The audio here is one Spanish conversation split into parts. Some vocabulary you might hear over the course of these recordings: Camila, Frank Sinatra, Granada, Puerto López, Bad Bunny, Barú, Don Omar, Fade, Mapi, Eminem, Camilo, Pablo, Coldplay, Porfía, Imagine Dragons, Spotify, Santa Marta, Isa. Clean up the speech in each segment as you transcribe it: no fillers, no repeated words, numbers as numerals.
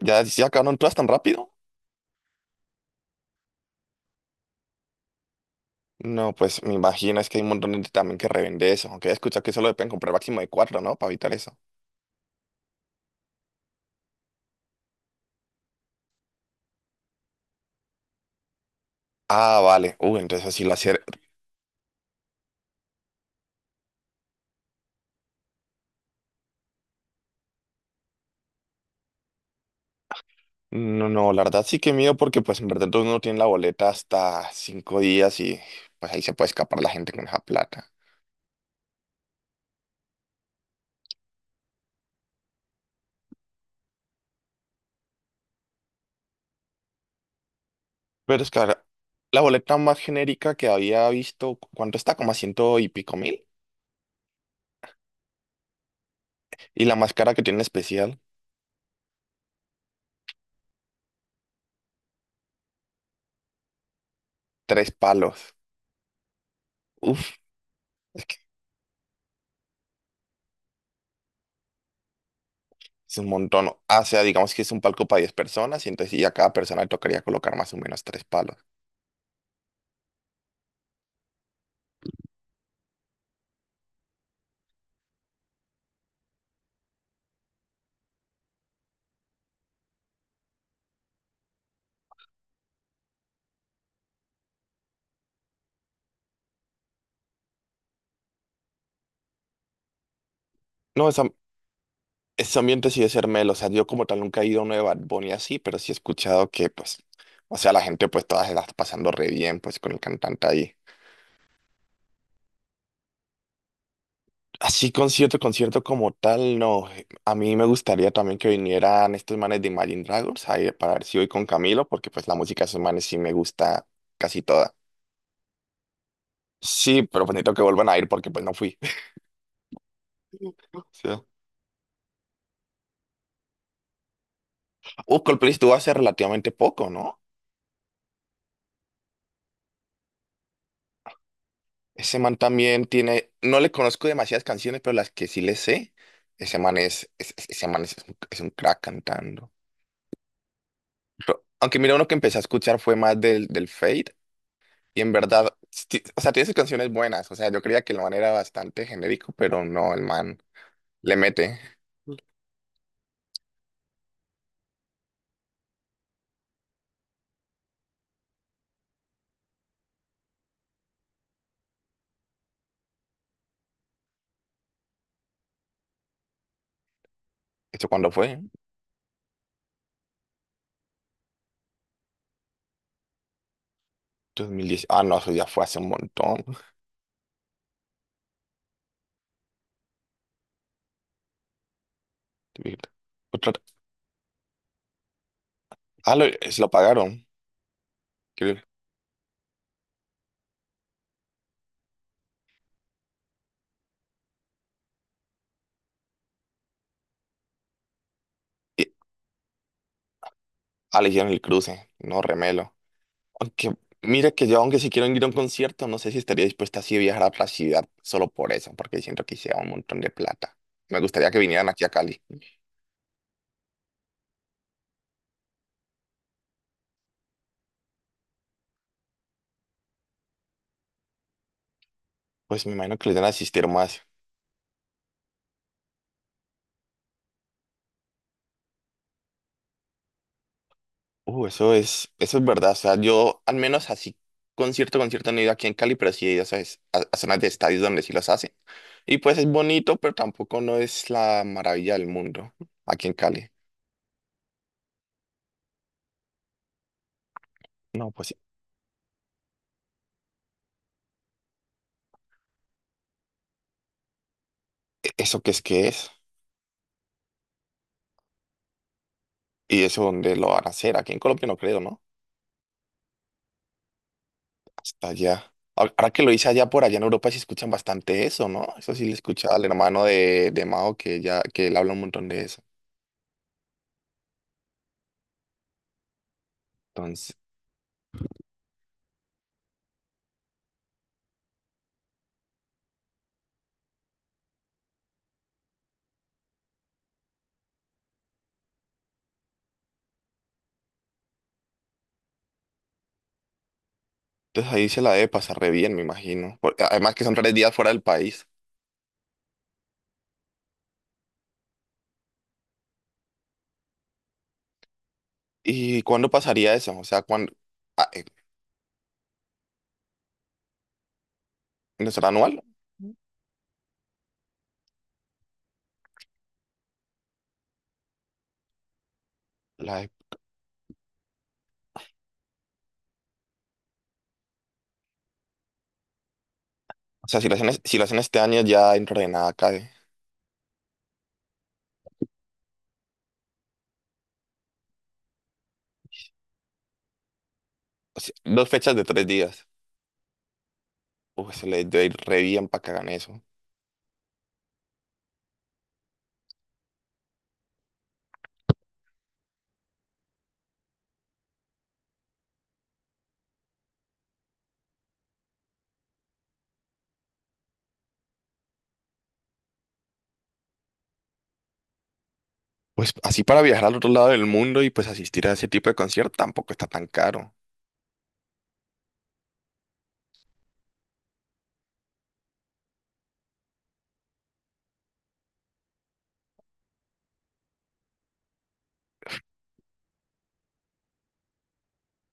¿Ya acabaron todas tan rápido? No, pues me imagino, es que hay un montón de gente también que revende eso, aunque he escuchado que solo deben comprar máximo de cuatro, ¿no? Para evitar eso. Ah, vale. Uy, entonces así lo hacer. No, no, la verdad sí que miedo porque pues en verdad uno no tiene la boleta hasta cinco días y pues ahí se puede escapar la gente con esa plata. Pero es que ahora, la boleta más genérica que había visto, ¿cuánto está? Como a ciento y pico mil. Y la más cara que tiene especial, tres palos. Es un montón. O sea, digamos que es un palco para 10 personas y entonces a cada persona le tocaría colocar más o menos tres palos. No, esa- ese ambiente sí debe ser melo. O sea, yo como tal nunca he ido a una de Bad Bunny así, pero sí he escuchado que, pues, o sea, la gente pues todas se la está pasando re bien, pues, con el cantante ahí. Así concierto, concierto como tal, no. A mí me gustaría también que vinieran estos manes de Imagine Dragons ahí para ver si voy con Camilo, porque pues la música de esos manes sí me gusta casi toda. Sí, pero pues necesito que vuelvan a ir porque pues no fui. Sí. Coldplay estuvo hace relativamente poco, ¿no? Ese man también tiene, no le conozco demasiadas canciones, pero las que sí le sé, ese man es- ese man es un crack cantando. Aunque mira, uno que empecé a escuchar fue más del Fade, y en verdad, o sea, tiene sus canciones buenas, o sea, yo creía que el man era bastante genérico, pero no, el man le mete. ¿Esto cuándo fue? Dos mil diez. Ah, no, eso ya fue hace un montón. Otra- Ah, lo, se lo pagaron. Creo. Y- Ah, le hicieron el cruce. No, remelo. Aunque, mira que yo, aunque si quiero ir a un concierto, no sé si estaría dispuesta así a viajar a otra ciudad solo por eso, porque siento que sea un montón de plata. Me gustaría que vinieran aquí a Cali. Pues me imagino que les van a asistir más. Eso es verdad. O sea, yo al menos así, concierto, concierto no he ido aquí en Cali, pero sí he ido, ¿sabes? A zonas de estadios donde sí los hacen. Y pues es bonito, pero tampoco no es la maravilla del mundo aquí en Cali. No, pues, ¿eso qué es que es? ¿Y eso dónde lo van a hacer? Aquí en Colombia no creo, ¿no? Hasta allá. Ahora que lo hice allá por allá en Europa, sí escuchan bastante eso, ¿no? Eso sí le escucha al hermano de Mao que ya que él habla un montón de eso. Entonces, entonces ahí se la debe pasar re bien, me imagino, porque además que son tres días fuera del país. ¿Y cuándo pasaría eso? O sea, ¿cuándo? Ah, eh, ¿No será anual? La- o sea, si lo hacen, si lo hacen este año, ya dentro de nada cae. O sea, dos fechas de tres días. Uy, se le debe ir re bien para que hagan eso. Pues así para viajar al otro lado del mundo y pues asistir a ese tipo de concierto tampoco está tan caro.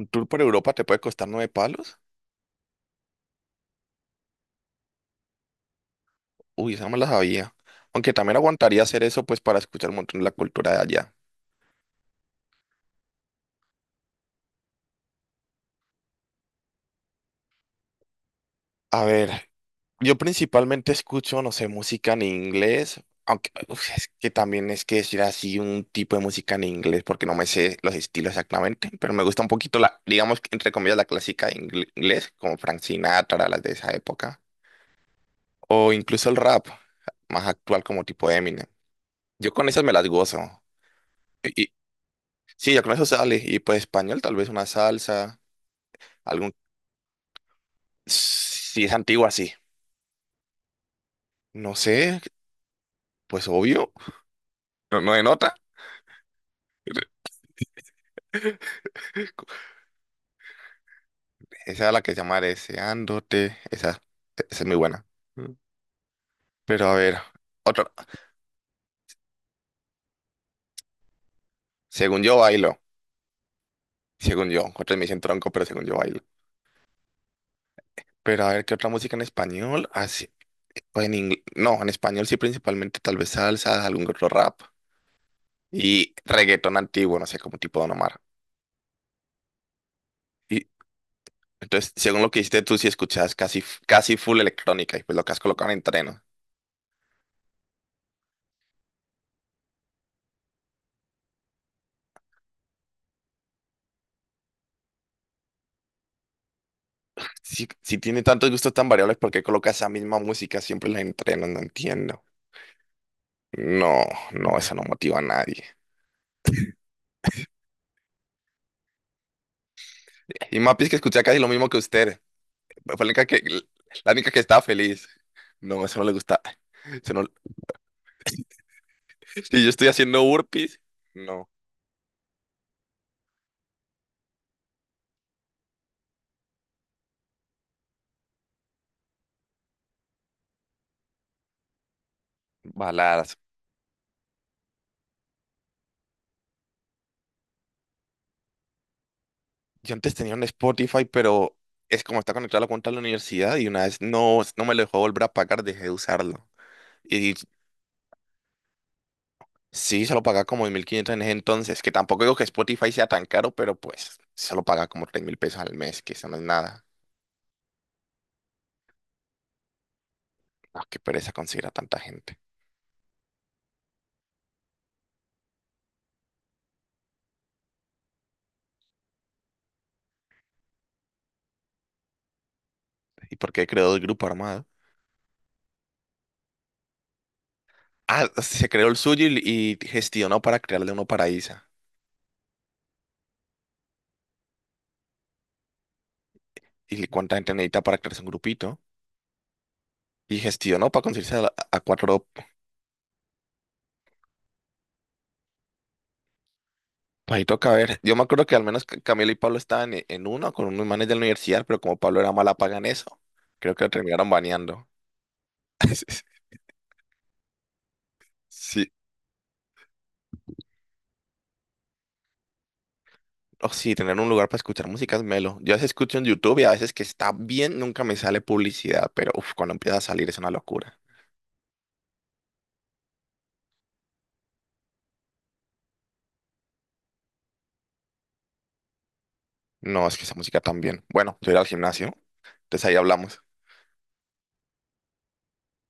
Un tour por Europa te puede costar nueve palos. Uy, esa no me la sabía. Aunque también aguantaría hacer eso, pues para escuchar un montón de la cultura de allá. A ver, yo principalmente escucho, no sé, música en inglés. Aunque uf, es que también es que decir así un tipo de música en inglés, porque no me sé los estilos exactamente, pero me gusta un poquito la, digamos, que, entre comillas, la clásica de inglés, como Frank Sinatra, las de esa época. O incluso el rap, más actual como tipo Eminem. Yo con esas me las gozo. Sí, ya con eso sale. Y pues español, tal vez una salsa, algún... Si es antigua, sí. No sé, pues obvio. No, no denota. Esa es la que se llama Deseándote. Esa es muy buena. Mm. Pero a ver, otra. Según yo bailo. Según yo. Otros me dicen tronco, pero según yo bailo. Pero a ver, ¿qué otra música en español? Así, o en no, en español sí, principalmente tal vez salsa, algún otro rap. Y reggaetón antiguo, no sé, como tipo Don Omar. Y entonces, según lo que dijiste tú, si escuchabas casi full electrónica y pues lo que has colocado en entreno. Si tiene tantos gustos tan variables, ¿por qué colocas esa misma música siempre en el entreno? No entiendo. No, no, eso no motiva a nadie. Y Mapi es que escuchaba casi lo mismo que usted. Fue la única que estaba feliz. No, eso no le gusta. Eso no- Si yo estoy haciendo burpees, no. Baladas. Yo antes tenía un Spotify, pero es como está conectado a la cuenta de la universidad y una vez no, no me lo dejó volver a pagar, dejé de usarlo. Y sí, se lo paga como 1.500 en ese entonces, que tampoco digo que Spotify sea tan caro, pero pues se lo paga como 3.000 pesos al mes, que eso no es nada. No, qué pereza conseguir a tanta gente. ¿Y por qué creó el grupo armado? Ah, se creó el suyo y gestionó para crearle uno para Isa. ¿Y cuánta gente necesita para crearse un grupito? Y gestionó para conseguirse a, a cuatro pajitos caber. Yo me acuerdo que al menos Camila y Pablo estaban en uno con unos manes de la universidad, pero como Pablo era mala paga en eso, creo que lo terminaron baneando. Sí. Oh, sí, tener un lugar para escuchar música es melo. Yo a veces escucho en YouTube y a veces que está bien, nunca me sale publicidad, pero uf, cuando empieza a salir es una locura. No, es que esa música también. Bueno, yo iré al gimnasio, entonces ahí hablamos.